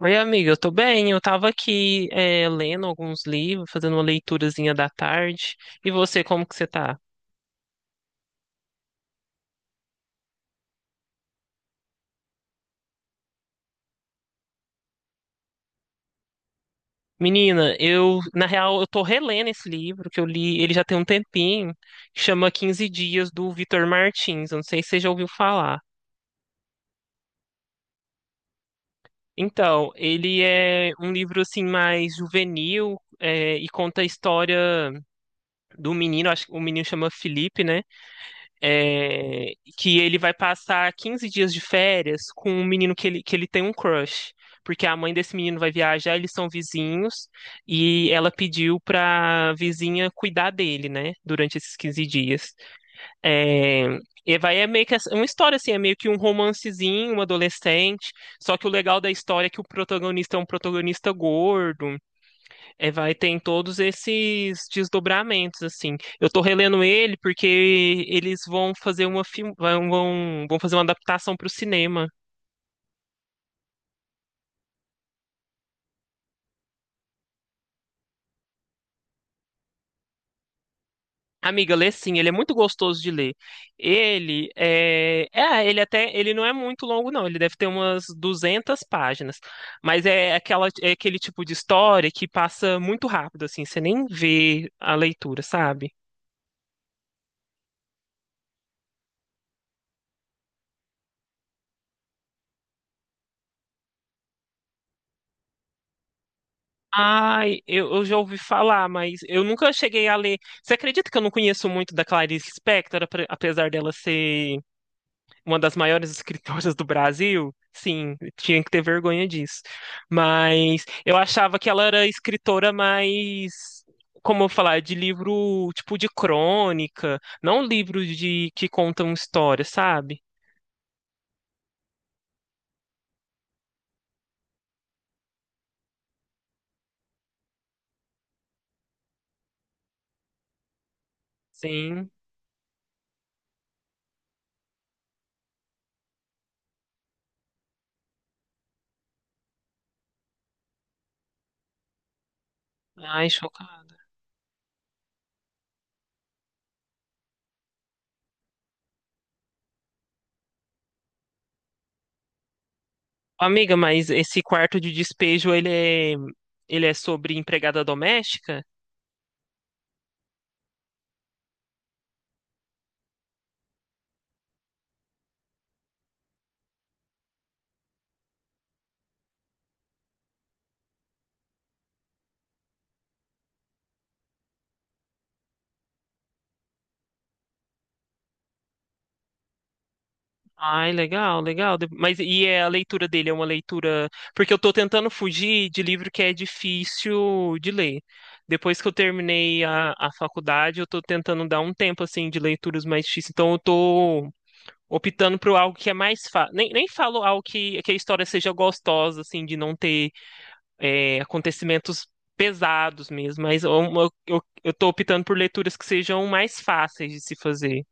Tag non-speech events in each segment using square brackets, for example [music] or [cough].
Oi, amiga, eu tô bem. Eu tava aqui, lendo alguns livros, fazendo uma leiturazinha da tarde. E você, como que você tá? Menina, na real, eu tô relendo esse livro que eu li, ele já tem um tempinho, que chama Quinze Dias do Vitor Martins. Eu não sei se você já ouviu falar. Então, ele é um livro assim mais juvenil, e conta a história do menino, acho que o menino chama Felipe, né? É, que ele vai passar 15 dias de férias com um menino que ele tem um crush. Porque a mãe desse menino vai viajar, eles são vizinhos, e ela pediu pra vizinha cuidar dele, né? Durante esses 15 dias. É, e vai é meio que uma história assim, é meio que um romancezinho, um adolescente. Só que o legal da história é que o protagonista é um protagonista gordo. É, vai, tem todos esses desdobramentos, assim. Eu tô relendo ele porque eles vão fazer uma vão fazer uma adaptação para o cinema. Amiga, lê sim, ele é muito gostoso de ler. Ele não é muito longo não, ele deve ter umas 200 páginas, mas é aquela é aquele tipo de história que passa muito rápido assim, você nem vê a leitura, sabe? Ai, eu já ouvi falar, mas eu nunca cheguei a ler. Você acredita que eu não conheço muito da Clarice Lispector, apesar dela ser uma das maiores [laughs] escritoras do Brasil? Sim, tinha que ter vergonha disso. Mas eu achava que ela era escritora mais, como eu falar, de livro tipo de crônica, não livro de que contam história, sabe? Sim. Ai, chocada. Amiga, mas esse quarto de despejo, ele é sobre empregada doméstica? Ai, legal, legal. De- Mas e é a leitura dele? É uma leitura. Porque eu tô tentando fugir de livro que é difícil de ler. Depois que eu terminei a faculdade, eu tô tentando dar um tempo, assim, de leituras mais difíceis. Então eu tô optando por algo que é mais fácil. Nem falo algo que a história seja gostosa, assim, de não ter acontecimentos pesados mesmo, eu tô optando por leituras que sejam mais fáceis de se fazer.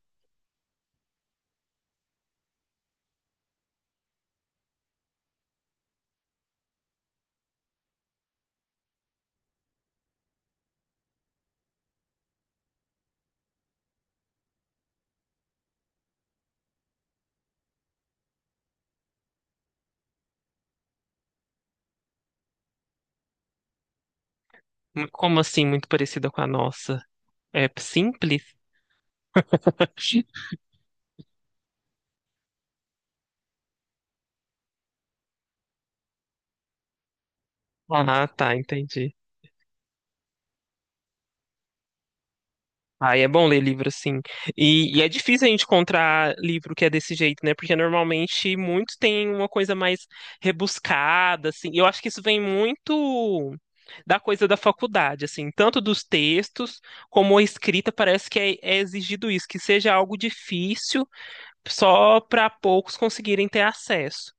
Como assim, muito parecida com a nossa? É simples? [laughs] Ah, tá, entendi. Aí é bom ler livro, assim. E é difícil a gente encontrar livro que é desse jeito, né? Porque normalmente muitos têm uma coisa mais rebuscada, assim. E eu acho que isso vem muito da coisa da faculdade, assim, tanto dos textos como a escrita, parece é exigido isso, que seja algo difícil só para poucos conseguirem ter acesso.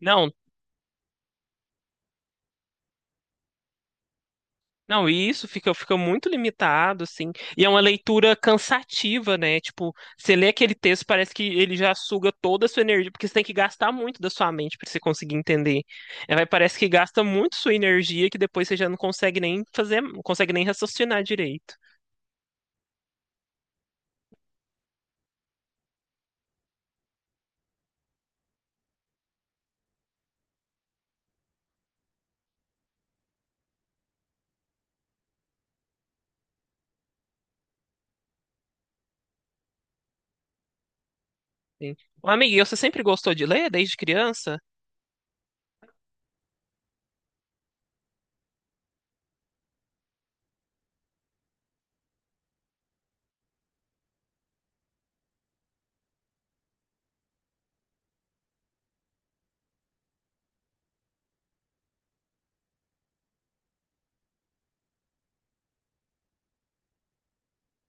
Não, não, e isso fica muito limitado, assim. E é uma leitura cansativa, né? Tipo, você lê aquele texto, parece que ele já suga toda a sua energia, porque você tem que gastar muito da sua mente para você conseguir entender. É, parece que gasta muito sua energia que depois você já não consegue nem fazer, não consegue nem raciocinar direito. Sim. Ô, amiga, e você sempre gostou de ler desde criança?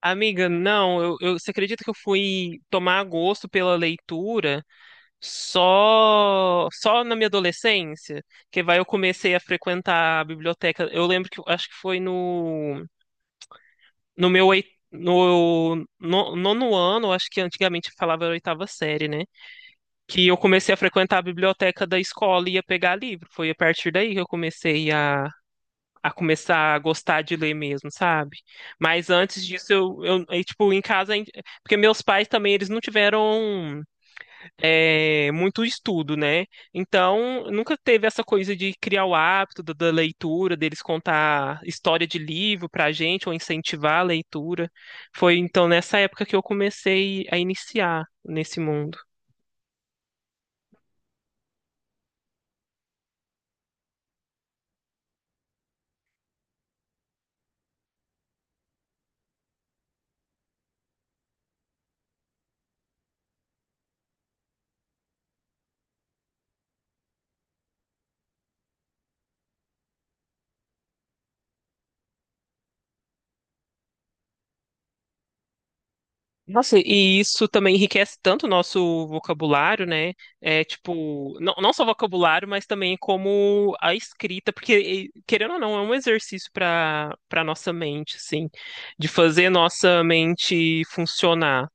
Amiga, não, você acredita que eu fui tomar gosto pela leitura só na minha adolescência? Que vai eu comecei a frequentar a biblioteca. Eu lembro acho que foi no no nono ano, acho que antigamente falava oitava série, né? Que eu comecei a frequentar a biblioteca da escola e ia pegar livro. Foi a partir daí que eu comecei a começar a gostar de ler mesmo, sabe? Mas antes disso, eu, aí, tipo, em casa, em- porque meus pais também, eles não tiveram muito estudo, né? Então, nunca teve essa coisa de criar o hábito da leitura, deles contar história de livro pra gente, ou incentivar a leitura. Foi então nessa época que eu comecei a iniciar nesse mundo. Nossa, e isso também enriquece tanto o nosso vocabulário, né? É tipo, não só vocabulário, mas também como a escrita, porque, e, querendo ou não, é um exercício para nossa mente, assim, de fazer nossa mente funcionar.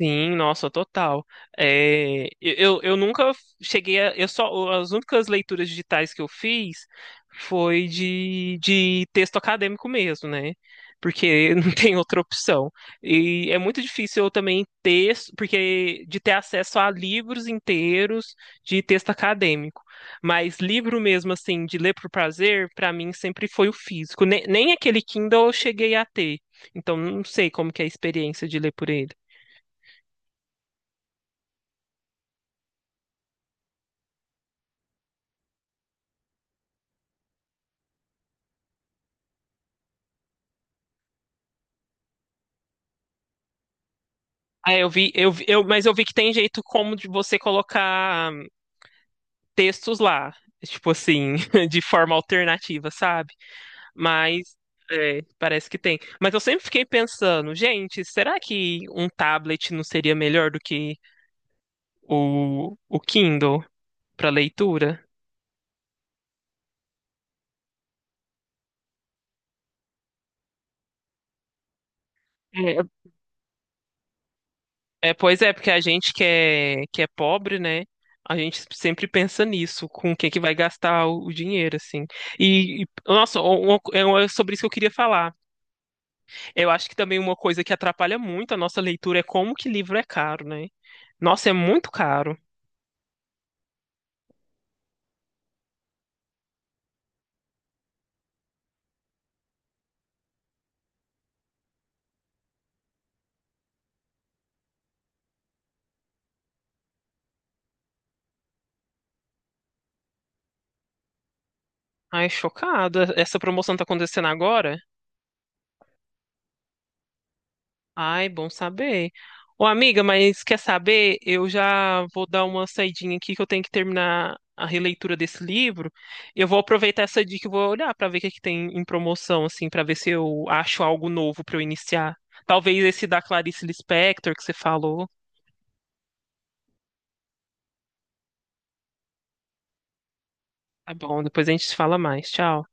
Sim, nossa, total. É, eu, eu nunca cheguei a, eu só, as únicas leituras digitais que eu fiz foi de texto acadêmico mesmo, né? Porque [laughs] não tem outra opção. E é muito difícil eu também ter, porque de ter acesso a livros inteiros de texto acadêmico. Mas livro mesmo, assim, de ler por prazer, para mim sempre foi o físico. Nem aquele Kindle eu cheguei a ter. Então não sei como que é a experiência de ler por ele. Ah, eu vi, mas eu vi que tem jeito como de você colocar textos lá, tipo assim, [laughs] de forma alternativa, sabe? Mas é, parece que tem. Mas eu sempre fiquei pensando, gente, será que um tablet não seria melhor do que o Kindle para leitura? É, pois é, porque a gente que é pobre, né? A gente sempre pensa nisso, com quem que vai gastar o dinheiro, assim. Nossa, é sobre isso que eu queria falar. Eu acho que também uma coisa que atrapalha muito a nossa leitura é como que livro é caro, né? Nossa, é muito caro. Ai, chocado. Essa promoção tá acontecendo agora? Ai, bom saber. Ô, amiga, mas quer saber? Eu já vou dar uma saidinha aqui que eu tenho que terminar a releitura desse livro. Eu vou aproveitar essa dica e vou olhar para ver o que é que tem em promoção, assim, para ver se eu acho algo novo para eu iniciar. Talvez esse da Clarice Lispector que você falou. Tá bom, depois a gente se fala mais. Tchau.